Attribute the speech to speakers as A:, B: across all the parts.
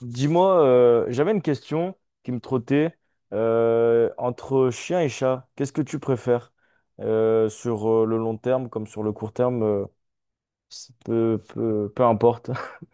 A: Dis-moi, j'avais une question qui me trottait entre chien et chat. Qu'est-ce que tu préfères sur le long terme comme sur le court terme, c'est peu importe.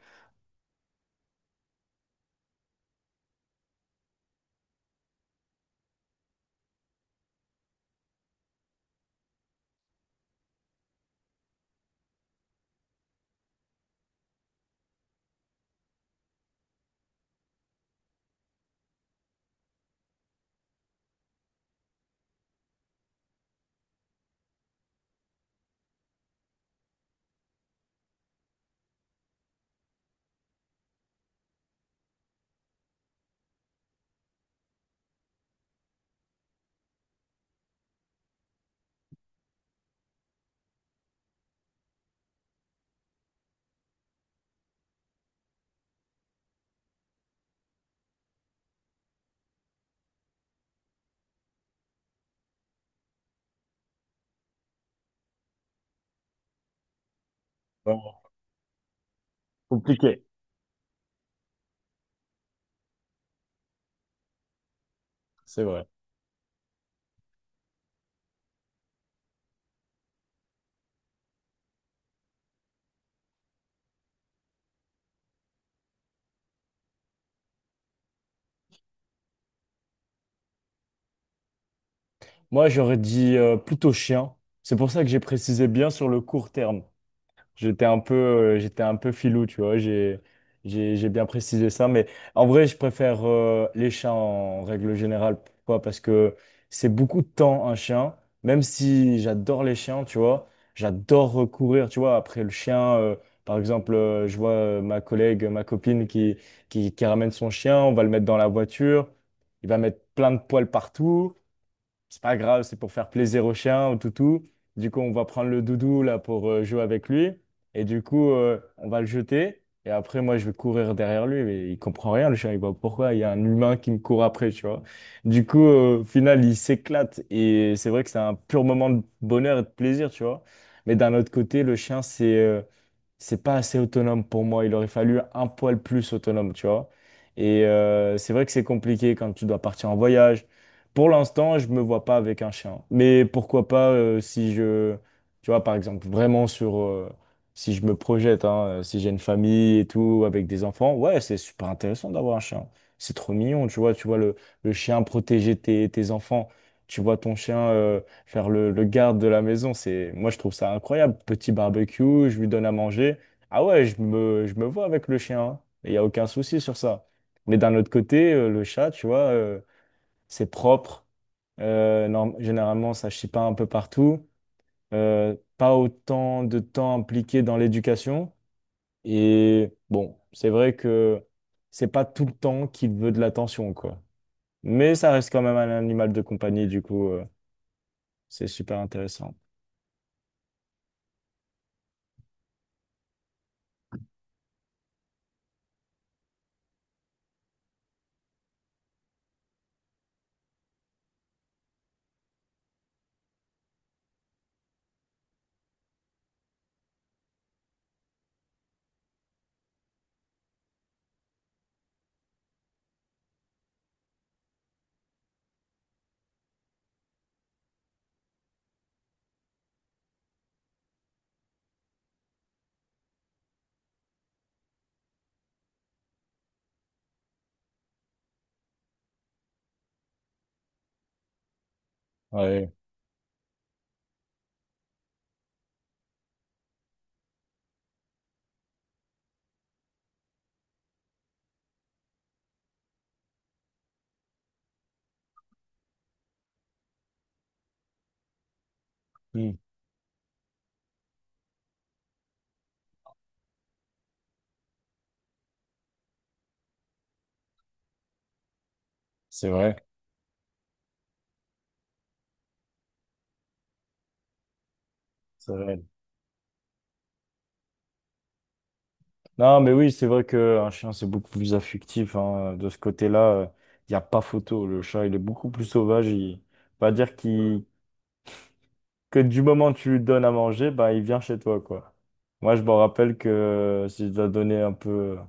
A: Bon, compliqué, c'est vrai. Moi, j'aurais dit plutôt chien. C'est pour ça que j'ai précisé bien sur le court terme. J'étais un peu filou, tu vois. J'ai bien précisé ça, mais en vrai, je préfère les chats en règle générale. Pourquoi? Parce que c'est beaucoup de temps un chien. Même si j'adore les chiens, tu vois, j'adore courir, tu vois. Après le chien, par exemple, je vois ma collègue, ma copine qui ramène son chien. On va le mettre dans la voiture. Il va mettre plein de poils partout, c'est pas grave, c'est pour faire plaisir au chien, au toutou. Du coup, on va prendre le doudou là pour jouer avec lui. Et du coup, on va le jeter. Et après, moi, je vais courir derrière lui. Mais il comprend rien, le chien. Il voit pourquoi il y a un humain qui me court après, tu vois. Du coup, au final, il s'éclate. Et c'est vrai que c'est un pur moment de bonheur et de plaisir, tu vois. Mais d'un autre côté, le chien, c'est pas assez autonome pour moi. Il aurait fallu un poil plus autonome, tu vois. Et c'est vrai que c'est compliqué quand tu dois partir en voyage. Pour l'instant, je me vois pas avec un chien. Mais pourquoi pas si je, tu vois, par exemple, vraiment sur, si je me projette, hein, si j'ai une famille et tout, avec des enfants, ouais, c'est super intéressant d'avoir un chien. C'est trop mignon, tu vois le chien protéger tes enfants, tu vois ton chien faire le garde de la maison, c'est, moi je trouve ça incroyable. Petit barbecue, je lui donne à manger. Ah ouais, je me vois avec le chien, hein. Il n'y a aucun souci sur ça. Mais d'un autre côté, le chat, tu vois, c'est propre. Généralement, ça chie pas un peu partout. Pas autant de temps impliqué dans l'éducation. Et bon, c'est vrai que c'est pas tout le temps qu'il veut de l'attention, quoi. Mais ça reste quand même un animal de compagnie, du coup, c'est super intéressant. Ouais, hmm, c'est vrai, c'est vrai. Non, mais oui, c'est vrai qu'un chien, c'est beaucoup plus affectif, hein. De ce côté-là, il n'y a pas photo. Le chat, il est beaucoup plus sauvage. Il... on va dire qu'il que du moment que tu lui donnes à manger, bah, il vient chez toi, quoi. Moi, je me rappelle que si je dois donner un peu euh,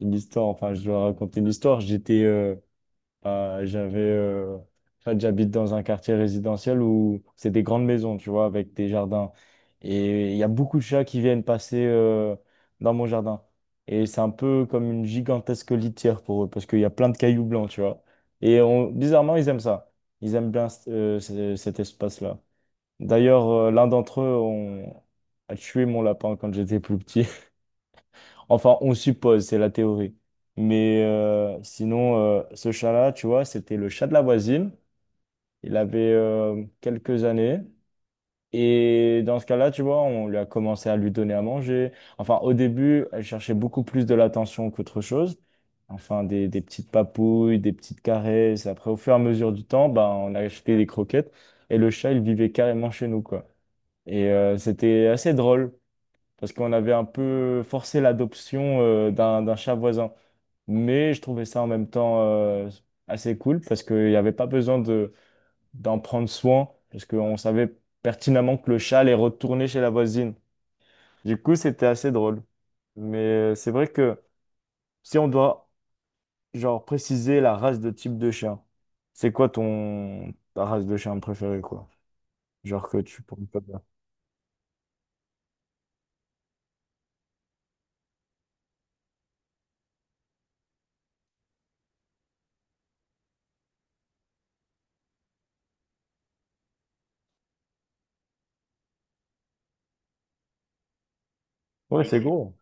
A: une histoire, enfin, je dois raconter une histoire, j'avais, en fait, j'habite dans un quartier résidentiel où c'est des grandes maisons, tu vois, avec des jardins. Et il y a beaucoup de chats qui viennent passer, dans mon jardin. Et c'est un peu comme une gigantesque litière pour eux, parce qu'il y a plein de cailloux blancs, tu vois. Bizarrement, ils aiment ça. Ils aiment bien, cet espace-là. D'ailleurs, l'un d'entre eux on... a tué mon lapin quand j'étais plus petit. Enfin, on suppose, c'est la théorie. Mais sinon, ce chat-là, tu vois, c'était le chat de la voisine. Il avait quelques années. Et dans ce cas-là, tu vois, on lui a commencé à lui donner à manger. Enfin, au début, elle cherchait beaucoup plus de l'attention qu'autre chose. Enfin, des petites papouilles, des petites caresses. Après, au fur et à mesure du temps, ben, on a acheté des croquettes. Et le chat, il vivait carrément chez nous, quoi. Et c'était assez drôle parce qu'on avait un peu forcé l'adoption d'un chat voisin. Mais je trouvais ça en même temps assez cool parce qu'il n'y avait pas besoin de, d'en prendre soin parce qu'on savait pertinemment que le chat allait retourner chez la voisine. Du coup, c'était assez drôle. Mais c'est vrai que si on doit genre préciser la race de type de chien, c'est quoi ton ta race de chien préférée, quoi? Genre que tu pourrais pas dire. Ouais, c'est gros.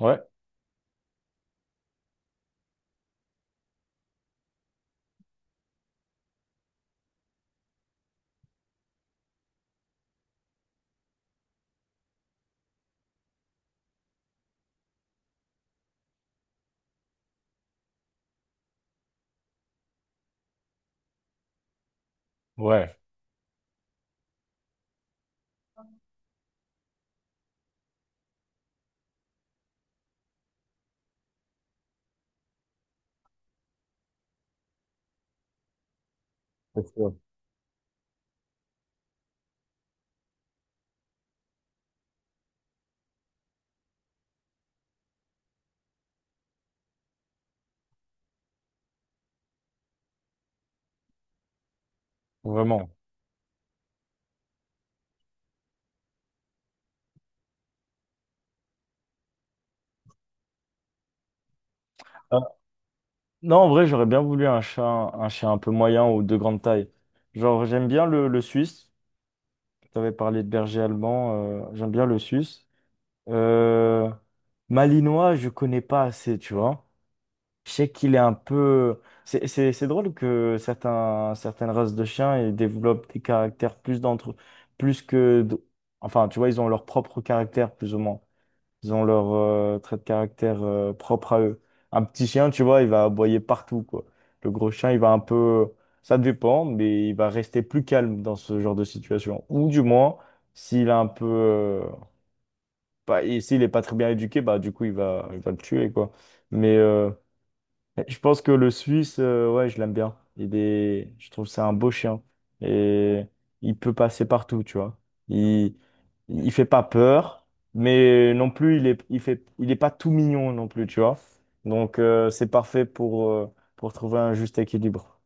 A: Ouais. Ouais. Vraiment. Euh, non, en vrai, j'aurais bien voulu un chien, un chien un peu moyen ou de grande taille. Genre, j'aime bien le suisse. Tu avais parlé de berger allemand. Euh, j'aime bien le suisse. Euh, malinois, je connais pas assez, tu vois. Je sais qu'il est un peu. C'est drôle que certaines races de chiens ils développent des caractères plus d'entre. Plus que. D- Enfin, tu vois, ils ont leur propre caractère, plus ou moins. Ils ont leur trait de caractère propre à eux. Un petit chien, tu vois, il va aboyer partout, quoi. Le gros chien, il va un peu... Ça dépend, mais il va rester plus calme dans ce genre de situation. Ou du moins, s'il a un peu... pas- et s'il est pas très bien éduqué, bah du coup, il va le tuer, quoi. Mais je pense que le Suisse, ouais, je l'aime bien. Il est... je trouve que c'est un beau chien. Et il peut passer partout, tu vois. Il... il fait pas peur, mais non plus, il est... il fait... il est pas tout mignon non plus, tu vois. Donc, c'est parfait pour trouver un juste équilibre.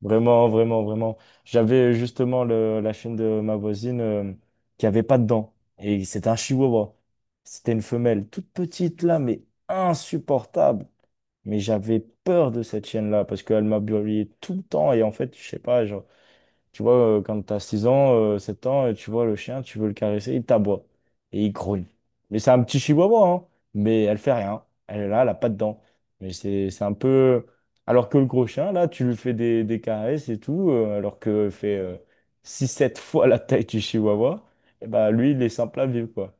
A: Vraiment, vraiment, vraiment. J'avais justement le... la chienne de ma voisine qui avait pas de dents. Et c'était un chihuahua. C'était une femelle toute petite là, mais insupportable. Mais j'avais peur de cette chienne-là parce qu'elle m'a brûlé tout le temps. Et en fait, je sais pas, genre, tu vois, quand t'as 6 ans, 7 ans, et tu vois le chien, tu veux le caresser, il t'aboie et il grogne. Mais c'est un petit chihuahua, hein. Mais elle fait rien. Elle est là, elle a pas de dents. Mais c'est un peu. Alors que le gros chien, là, tu lui fais des caresses et tout, alors que fait 6-7 fois la taille du chihuahua, et bah lui, il est simple à vivre, quoi.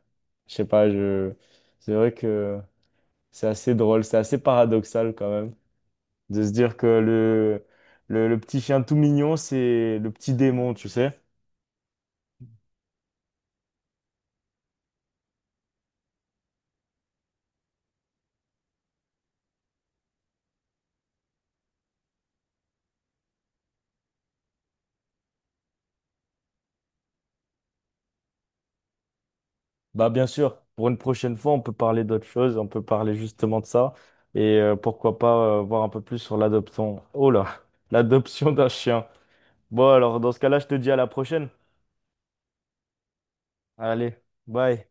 A: Je sais pas, je... c'est vrai que c'est assez drôle, c'est assez paradoxal quand même. De se dire que le petit chien tout mignon, c'est le petit démon, tu sais. Bah bien sûr, pour une prochaine fois, on peut parler d'autre chose, on peut parler justement de ça. Et pourquoi pas voir un peu plus sur l'adoption. Oh là, l'adoption d'un chien. Bon alors, dans ce cas-là, je te dis à la prochaine. Allez, bye.